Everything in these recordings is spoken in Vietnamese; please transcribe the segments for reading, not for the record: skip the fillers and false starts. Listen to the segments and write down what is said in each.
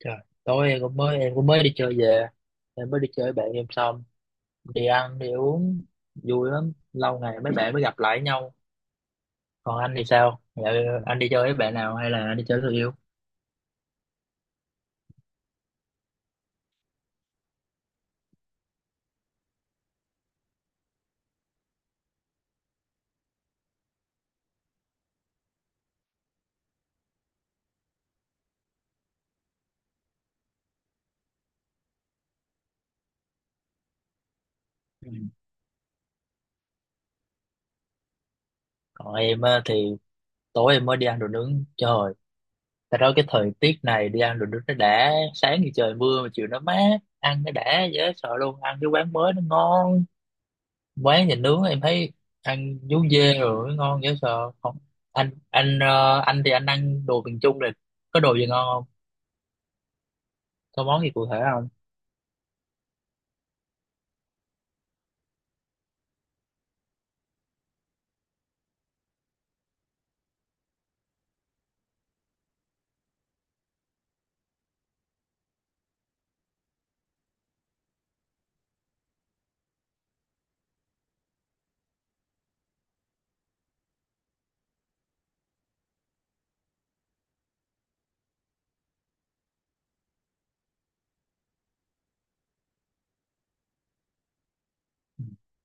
Trời, tối em cũng mới đi chơi về. Em mới đi chơi với bạn em xong, đi ăn đi uống vui lắm, lâu ngày mấy bạn mới gặp lại nhau. Còn anh thì sao? Dạ, anh đi chơi với bạn nào hay là anh đi chơi với người yêu? Ừ. Còn em á, thì tối em mới đi ăn đồ nướng, trời, tại đó cái thời tiết này đi ăn đồ nướng nó đã, sáng thì trời mưa mà chiều nó mát, ăn nó đã dễ sợ luôn. Ăn cái quán mới nó ngon, quán nhà nướng em thấy ăn vú dê rồi ngon dễ sợ không. Anh thì anh ăn đồ miền Trung rồi, có đồ gì ngon không, có món gì cụ thể không?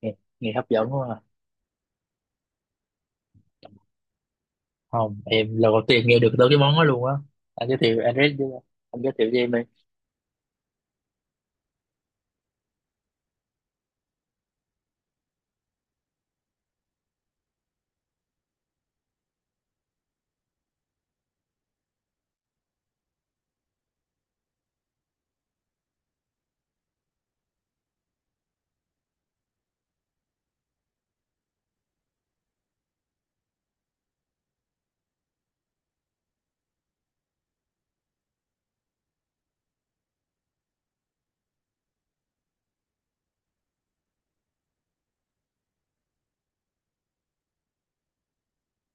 Nghe, nghe hấp dẫn quá à. Không, em lần đầu tiên nghe được tới cái món đó luôn á. anh giới thiệu anh giới thiệu, anh giới thiệu cho em đi.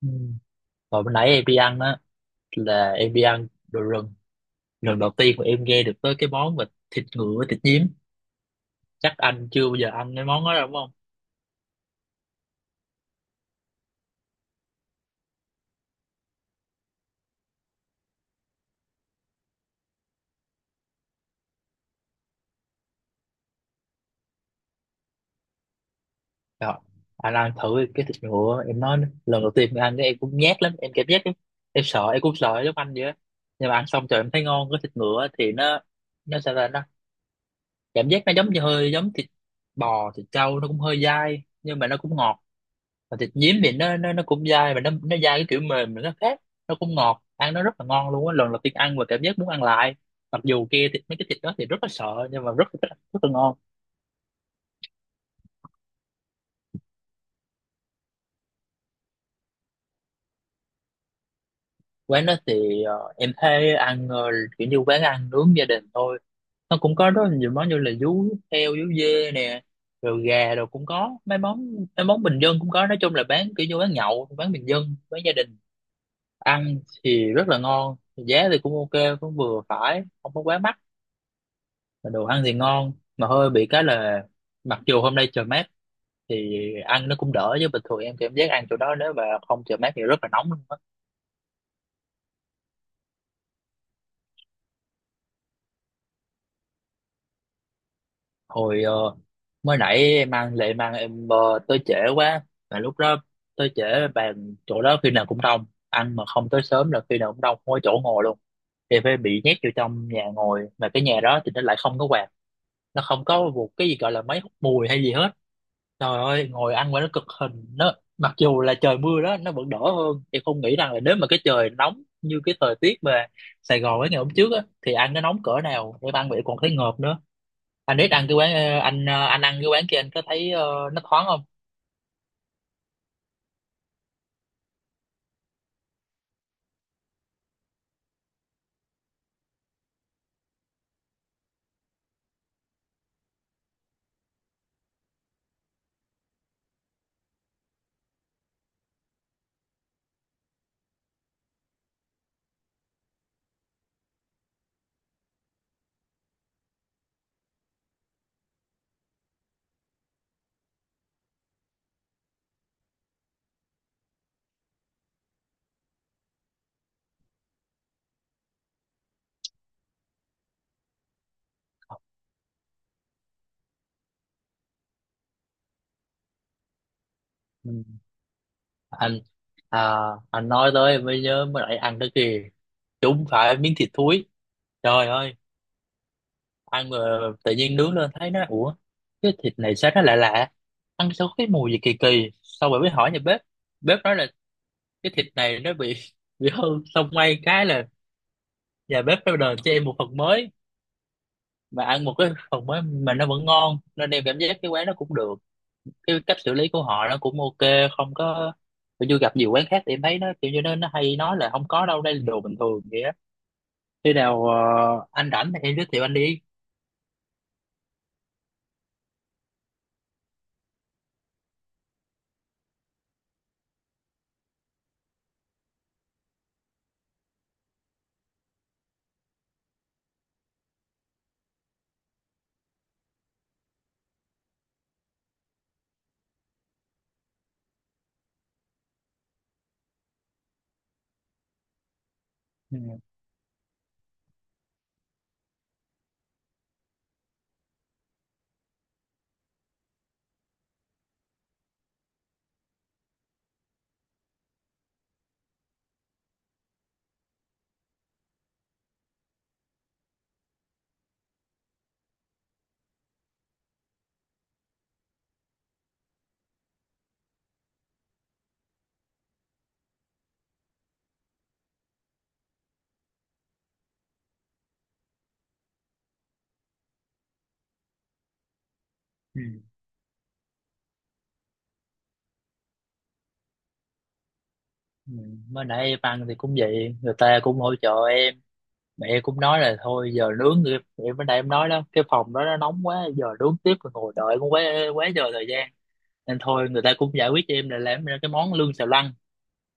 Ừ. Rồi bữa nãy em đi ăn á, là em đi ăn đồ rừng, lần đầu tiên mà em nghe được tới cái món mà thịt ngựa, thịt nhím. Chắc anh chưa bao giờ ăn cái món đó đâu đúng không? Rồi, anh ăn thử cái thịt ngựa em nói. Lần đầu tiên ăn cái em cũng nhát lắm, em cảm giác em sợ, em cũng sợ giống anh vậy á. Nhưng mà ăn xong trời em thấy ngon. Cái thịt ngựa thì nó sao ta, nó cảm giác nó giống như hơi giống thịt bò, thịt trâu, nó cũng hơi dai nhưng mà nó cũng ngọt. Và thịt nhím thì nó cũng dai, mà nó dai cái kiểu mềm mà nó khác, nó cũng ngọt, ăn nó rất là ngon luôn á. Lần đầu tiên ăn và cảm giác muốn ăn lại, mặc dù kia thịt mấy cái thịt đó thì rất là sợ nhưng mà rất rất, rất là ngon. Quán đó thì em thấy ăn kiểu như quán ăn nướng gia đình thôi, nó cũng có rất là nhiều món như là vú heo, vú dê nè, rồi gà, rồi cũng có mấy món, mấy món bình dân cũng có. Nói chung là bán kiểu như bán nhậu, bán bình dân, bán gia đình. Ăn thì rất là ngon, giá thì cũng ok, cũng vừa phải không có quá mắc, mà đồ ăn thì ngon. Mà hơi bị cái là, mặc dù hôm nay trời mát thì ăn nó cũng đỡ, chứ bình thường em cảm giác ăn chỗ đó nếu mà không trời mát thì rất là nóng luôn á. Hồi mới nãy em ăn lệ mang em tới trễ quá, mà lúc đó tới trễ, bàn chỗ đó khi nào cũng đông, ăn mà không tới sớm là khi nào cũng đông, không có chỗ ngồi luôn, thì phải bị nhét vô trong nhà ngồi. Mà cái nhà đó thì nó lại không có quạt, nó không có một cái gì gọi là máy hút mùi hay gì hết. Trời ơi ngồi ăn mà nó cực hình, nó mặc dù là trời mưa đó nó vẫn đỡ hơn. Em không nghĩ rằng là nếu mà cái trời nóng như cái thời tiết mà Sài Gòn ấy ngày hôm trước á thì ăn nó nóng cỡ nào, em ăn vậy còn thấy ngợp nữa. Anh biết ăn cái quán anh anh ăn cái quán kia, anh có thấy nó thoáng không? Ừ. Anh à, anh nói tới em mới nhớ mới lại ăn tới kìa, chúng phải miếng thịt thúi. Trời ơi, ăn mà tự nhiên nướng lên thấy nó, ủa, cái thịt này sao nó lạ lạ, ăn sao có cái mùi gì kỳ kỳ. Xong rồi mới hỏi nhà bếp, bếp nói là cái thịt này nó bị bị hư. Xong may cái là nhà bếp nó đền cho em một phần mới, mà ăn một cái phần mới mà nó vẫn ngon, nên em cảm giác cái quán nó cũng được, cái cách xử lý của họ nó cũng ok. Không có, tôi chưa gặp nhiều quán khác thì em thấy nó kiểu như nó hay nói là không có đâu, đây là đồ bình thường vậy á. Khi nào anh rảnh thì em giới thiệu anh đi. Ừ. Ừ. Ừ. Mới nãy em ăn thì cũng vậy, người ta cũng hỗ trợ em, mẹ em cũng nói là thôi giờ nướng thì em mới nãy em nói đó, cái phòng đó nó nóng quá, giờ nướng tiếp rồi ngồi đợi cũng quá quá giờ thời gian. Nên thôi người ta cũng giải quyết cho em là làm ra cái món lươn xào lăn,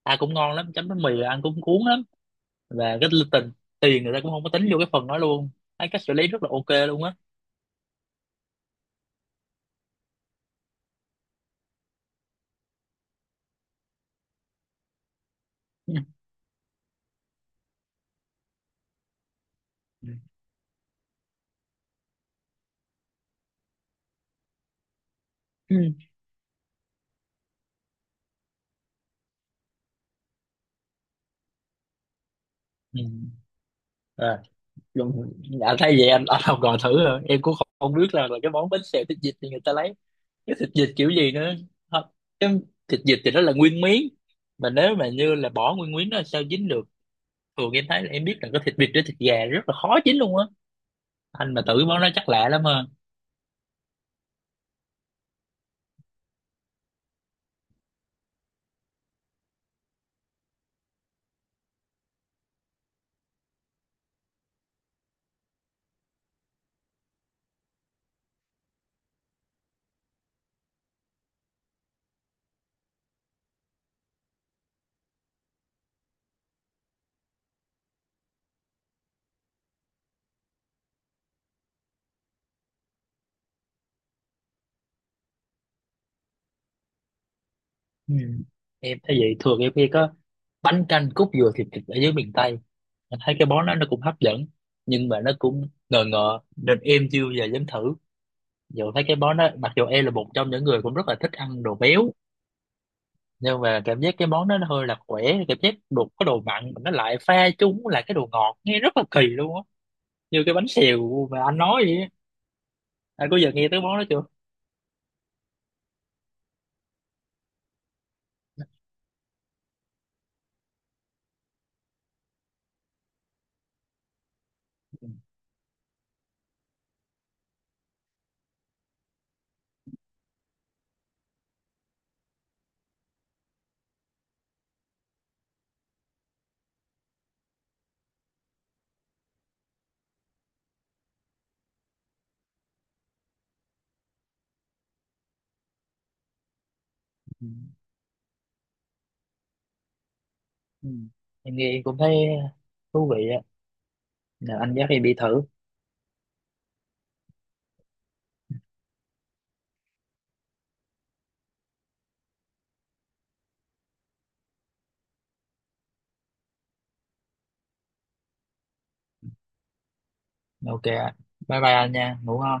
ăn cũng ngon lắm, chấm bánh mì ăn cũng cuốn lắm. Và cái tình tiền người ta cũng không có tính vô cái phần đó luôn, thấy cách xử lý rất là ok luôn á. Ừ. Ừ. Ừ. À, luôn- à, thay vậy anh học gọi thử rồi em cũng không biết là cái món bánh xèo thịt vịt thì người ta lấy cái thịt vịt kiểu gì nữa. Hả? Cái thịt vịt thì nó là nguyên miếng, mà nếu mà như là bỏ nguyên miếng nó sao dính được. Thường em thấy là em biết là cái thịt vịt với thịt gà rất là khó dính luôn á. Anh mà tự món nó chắc lạ lắm ha. Ừ. Em thấy vậy, thường em khi có bánh canh cốt dừa thịt vịt ở dưới miền Tây, mình thấy cái món đó nó cũng hấp dẫn nhưng mà nó cũng ngờ ngợ nên em chưa bao giờ dám thử, dù thấy cái món đó. Mặc dù em là một trong những người cũng rất là thích ăn đồ béo, nhưng mà cảm giác cái món đó nó hơi là khỏe, cảm giác đồ có đồ mặn mà nó lại pha chúng là cái đồ ngọt nghe rất là kỳ luôn á, như cái bánh xèo mà anh nói vậy á. Anh có giờ nghe tới món đó chưa? Ừ. Ừ. Em nghe em cũng thấy thú vị á. Nào, anh dắt em đi thử. Ok ạ, bye bye anh nha, ngủ ngon.